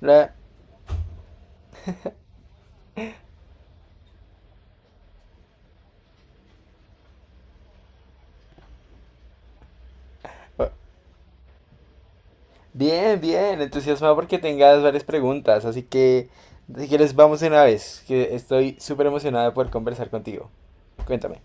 La- Bien, bien, entusiasmado porque tengas varias preguntas, así que si quieres vamos de una vez, que estoy súper emocionada de poder conversar contigo. Cuéntame.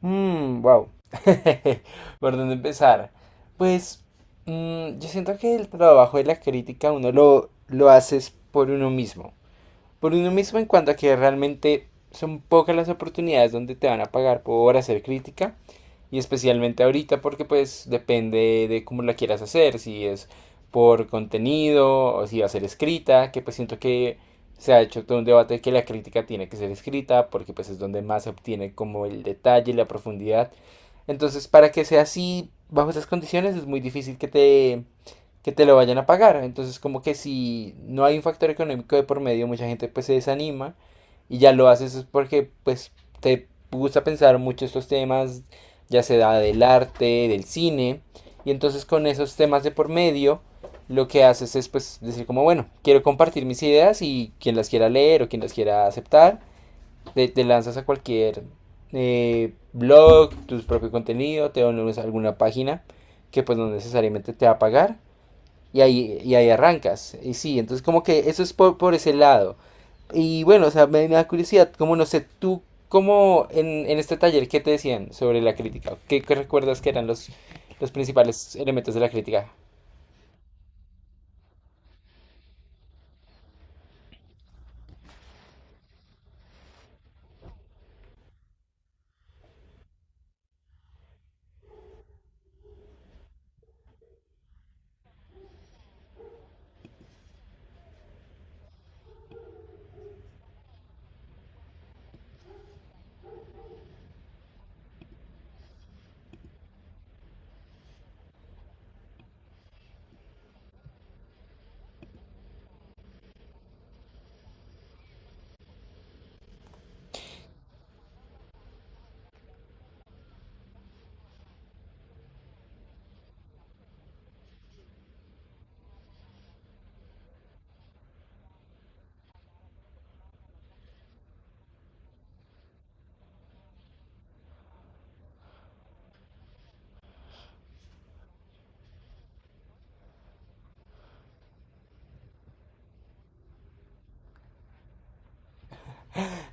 Wow. ¿Por dónde empezar? Pues yo siento que el trabajo de la crítica uno lo haces por uno mismo. Por uno mismo en cuanto a que realmente son pocas las oportunidades donde te van a pagar por hacer crítica, y especialmente ahorita, porque pues depende de cómo la quieras hacer, si es por contenido o si va a ser escrita, que pues siento que se ha hecho todo un debate de que la crítica tiene que ser escrita porque pues es donde más se obtiene como el detalle y la profundidad. Entonces, para que sea así bajo esas condiciones es muy difícil que te lo vayan a pagar. Entonces, como que si no hay un factor económico de por medio, mucha gente pues se desanima y ya lo haces es porque pues te gusta pensar mucho estos temas, ya sea del arte, del cine, y entonces con esos temas de por medio lo que haces es pues decir como bueno, quiero compartir mis ideas, y quien las quiera leer o quien las quiera aceptar, te lanzas a cualquier blog, tu propio contenido, te dones a alguna página que pues no necesariamente te va a pagar, y ahí arrancas. Y sí, entonces como que eso es por ese lado. Y bueno, o sea, me da curiosidad, como no sé, tú, como en este taller, ¿qué te decían sobre la crítica? ¿Qué recuerdas que eran los principales elementos de la crítica?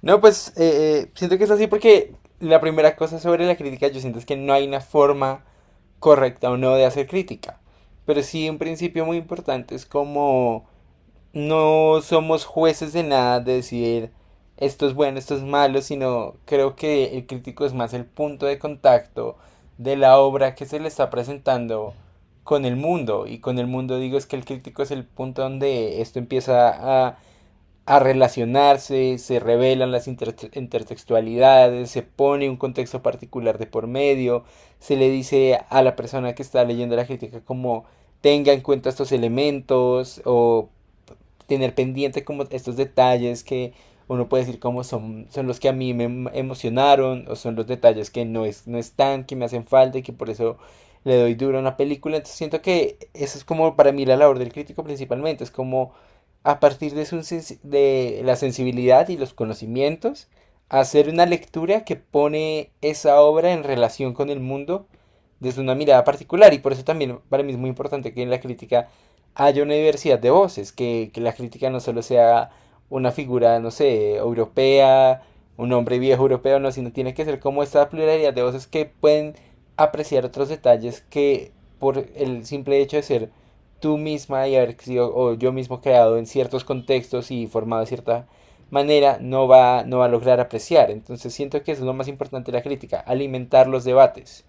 No, pues siento que es así porque la primera cosa sobre la crítica yo siento es que no hay una forma correcta o no de hacer crítica. Pero sí un principio muy importante es como no somos jueces de nada de decir esto es bueno, esto es malo, sino creo que el crítico es más el punto de contacto de la obra que se le está presentando con el mundo. Y con el mundo digo es que el crítico es el punto donde esto empieza a relacionarse, se revelan las intertextualidades, se pone un contexto particular de por medio, se le dice a la persona que está leyendo la crítica como tenga en cuenta estos elementos o tener pendiente como estos detalles que uno puede decir como son los que a mí me emocionaron, o son los detalles que no, no están, que me hacen falta y que por eso le doy duro a una película. Entonces siento que eso es como para mí la labor del crítico principalmente, es como a partir de, de la sensibilidad y los conocimientos, hacer una lectura que pone esa obra en relación con el mundo, desde una mirada particular, y por eso también para mí es muy importante que en la crítica haya una diversidad de voces, que la crítica no solo sea una figura, no sé, europea, un hombre viejo europeo, no, sino tiene que ser como esta pluralidad de voces que pueden apreciar otros detalles que por el simple hecho de ser tú misma y haber sido, o yo mismo creado en ciertos contextos y formado de cierta manera, no va a lograr apreciar. Entonces siento que eso es lo más importante de la crítica, alimentar los debates.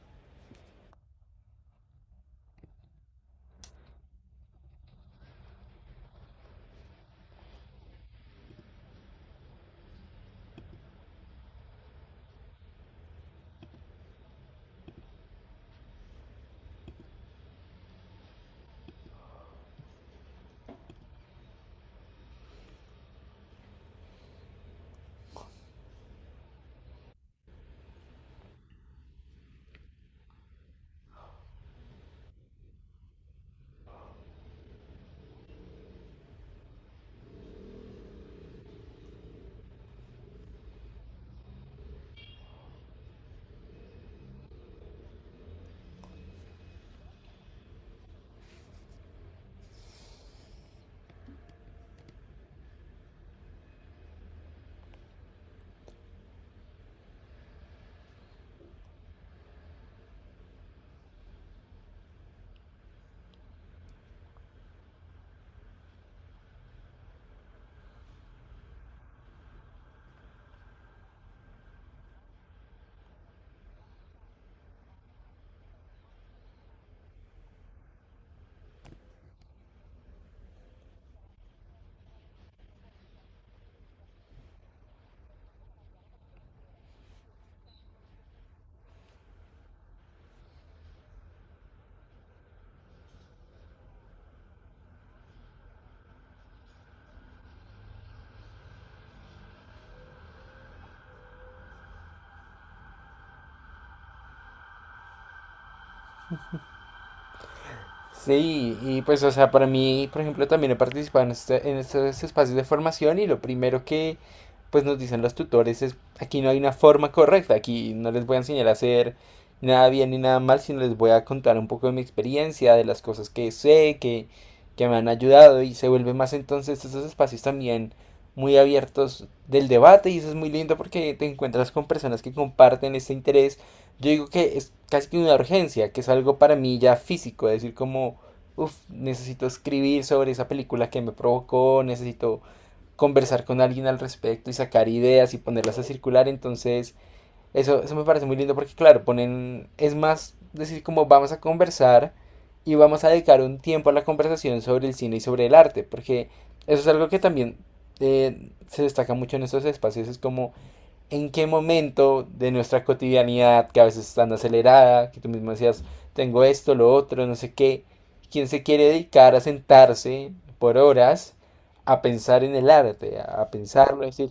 Sí, y pues, o sea, para mí, por ejemplo, también he participado en, en estos espacios de formación, y lo primero que, pues, nos dicen los tutores es, aquí no hay una forma correcta, aquí no les voy a enseñar a hacer nada bien ni nada mal, sino les voy a contar un poco de mi experiencia, de las cosas que sé, que me han ayudado, y se vuelve más entonces estos espacios también muy abiertos del debate. Y eso es muy lindo porque te encuentras con personas que comparten este interés. Yo digo que es casi que una urgencia, que es algo para mí ya físico, es decir como, uff, necesito escribir sobre esa película que me provocó, necesito conversar con alguien al respecto y sacar ideas y ponerlas a circular. Entonces eso me parece muy lindo porque claro, ponen, es más decir como vamos a conversar y vamos a dedicar un tiempo a la conversación sobre el cine y sobre el arte, porque eso es algo que también se destaca mucho en estos espacios, es como en qué momento de nuestra cotidianidad, que a veces es tan acelerada, que tú mismo decías, tengo esto, lo otro, no sé qué, quién se quiere dedicar a sentarse por horas a pensar en el arte, a pensarlo, es decir,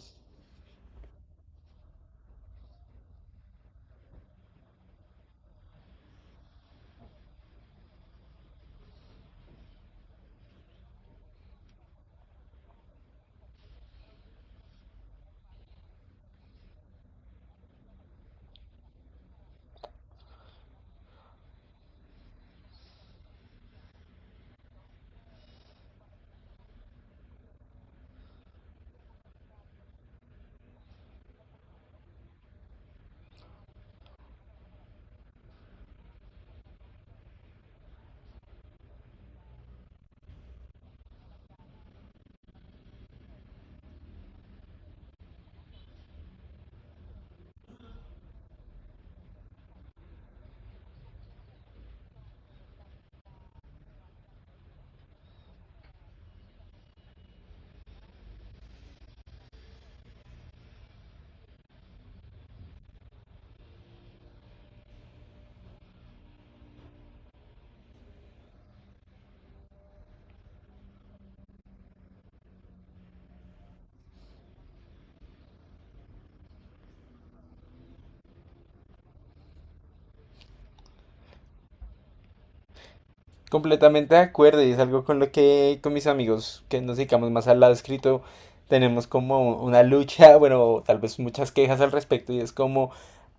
completamente de acuerdo. Y es algo con lo que con mis amigos que nos dedicamos más al lado escrito tenemos como una lucha, bueno, tal vez muchas quejas al respecto, y es como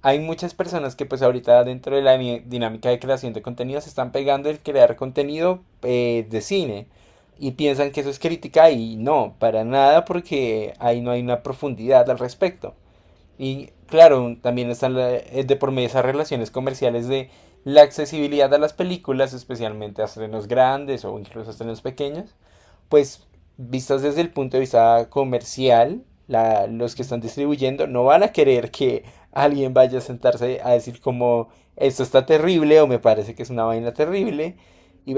hay muchas personas que pues ahorita dentro de la dinámica de creación de contenido se están pegando el crear contenido de cine y piensan que eso es crítica, y no, para nada, porque ahí no hay una profundidad al respecto. Y claro, también están de por medio esas relaciones comerciales de la accesibilidad a las películas, especialmente a estrenos grandes o incluso a estrenos pequeños, pues vistas desde el punto de vista comercial, los que están distribuyendo no van a querer que alguien vaya a sentarse a decir como esto está terrible o me parece que es una vaina terrible. Y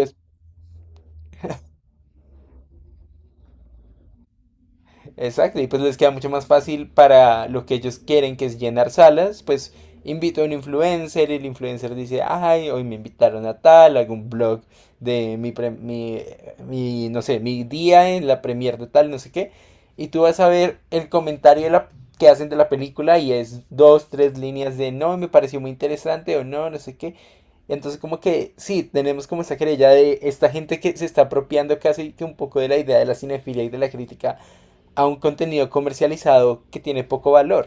exacto, y pues les queda mucho más fácil para lo que ellos quieren, que es llenar salas. Pues invito a un influencer y el influencer dice, ay, hoy me invitaron a tal, algún blog de mi, pre- mi, no sé, mi día en la premier de tal, no sé qué, y tú vas a ver el comentario de que hacen de la película y es dos, tres líneas de no, me pareció muy interesante, o no, no sé qué. Entonces como que sí, tenemos como esa querella de esta gente que se está apropiando casi que un poco de la idea de la cinefilia y de la crítica, a un contenido comercializado que tiene poco valor.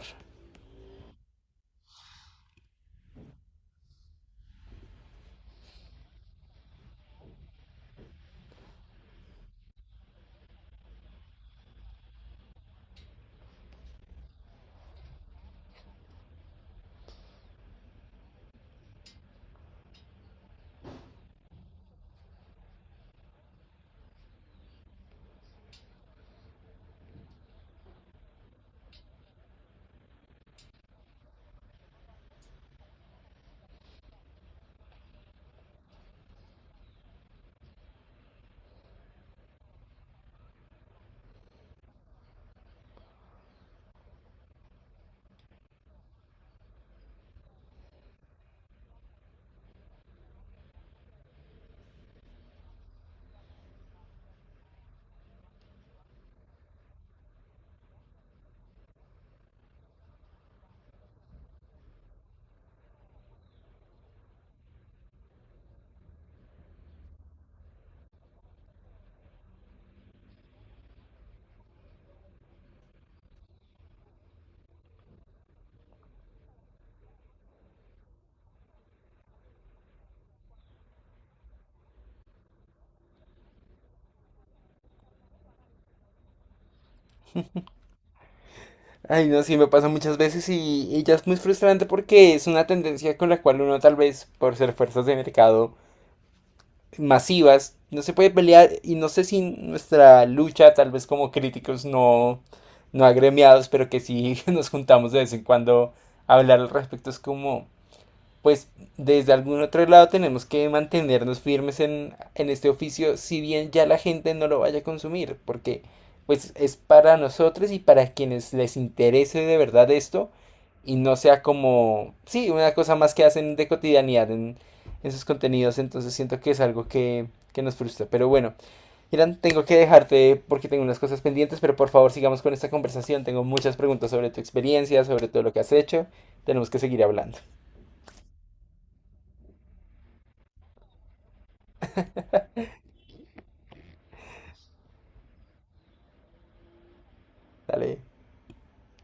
Ay, no, sí, me pasa muchas veces, y ya es muy frustrante porque es una tendencia con la cual uno tal vez, por ser fuerzas de mercado masivas, no se puede pelear, y no sé si nuestra lucha, tal vez como críticos no, no agremiados, pero que sí nos juntamos de vez en cuando a hablar al respecto, es como, pues desde algún otro lado tenemos que mantenernos firmes en este oficio, si bien ya la gente no lo vaya a consumir, porque pues es para nosotros y para quienes les interese de verdad esto, y no sea como, sí, una cosa más que hacen de cotidianidad en sus contenidos. Entonces siento que es algo que nos frustra. Pero bueno, Irán, tengo que dejarte porque tengo unas cosas pendientes, pero por favor sigamos con esta conversación, tengo muchas preguntas sobre tu experiencia, sobre todo lo que has hecho, tenemos que seguir hablando. Dale.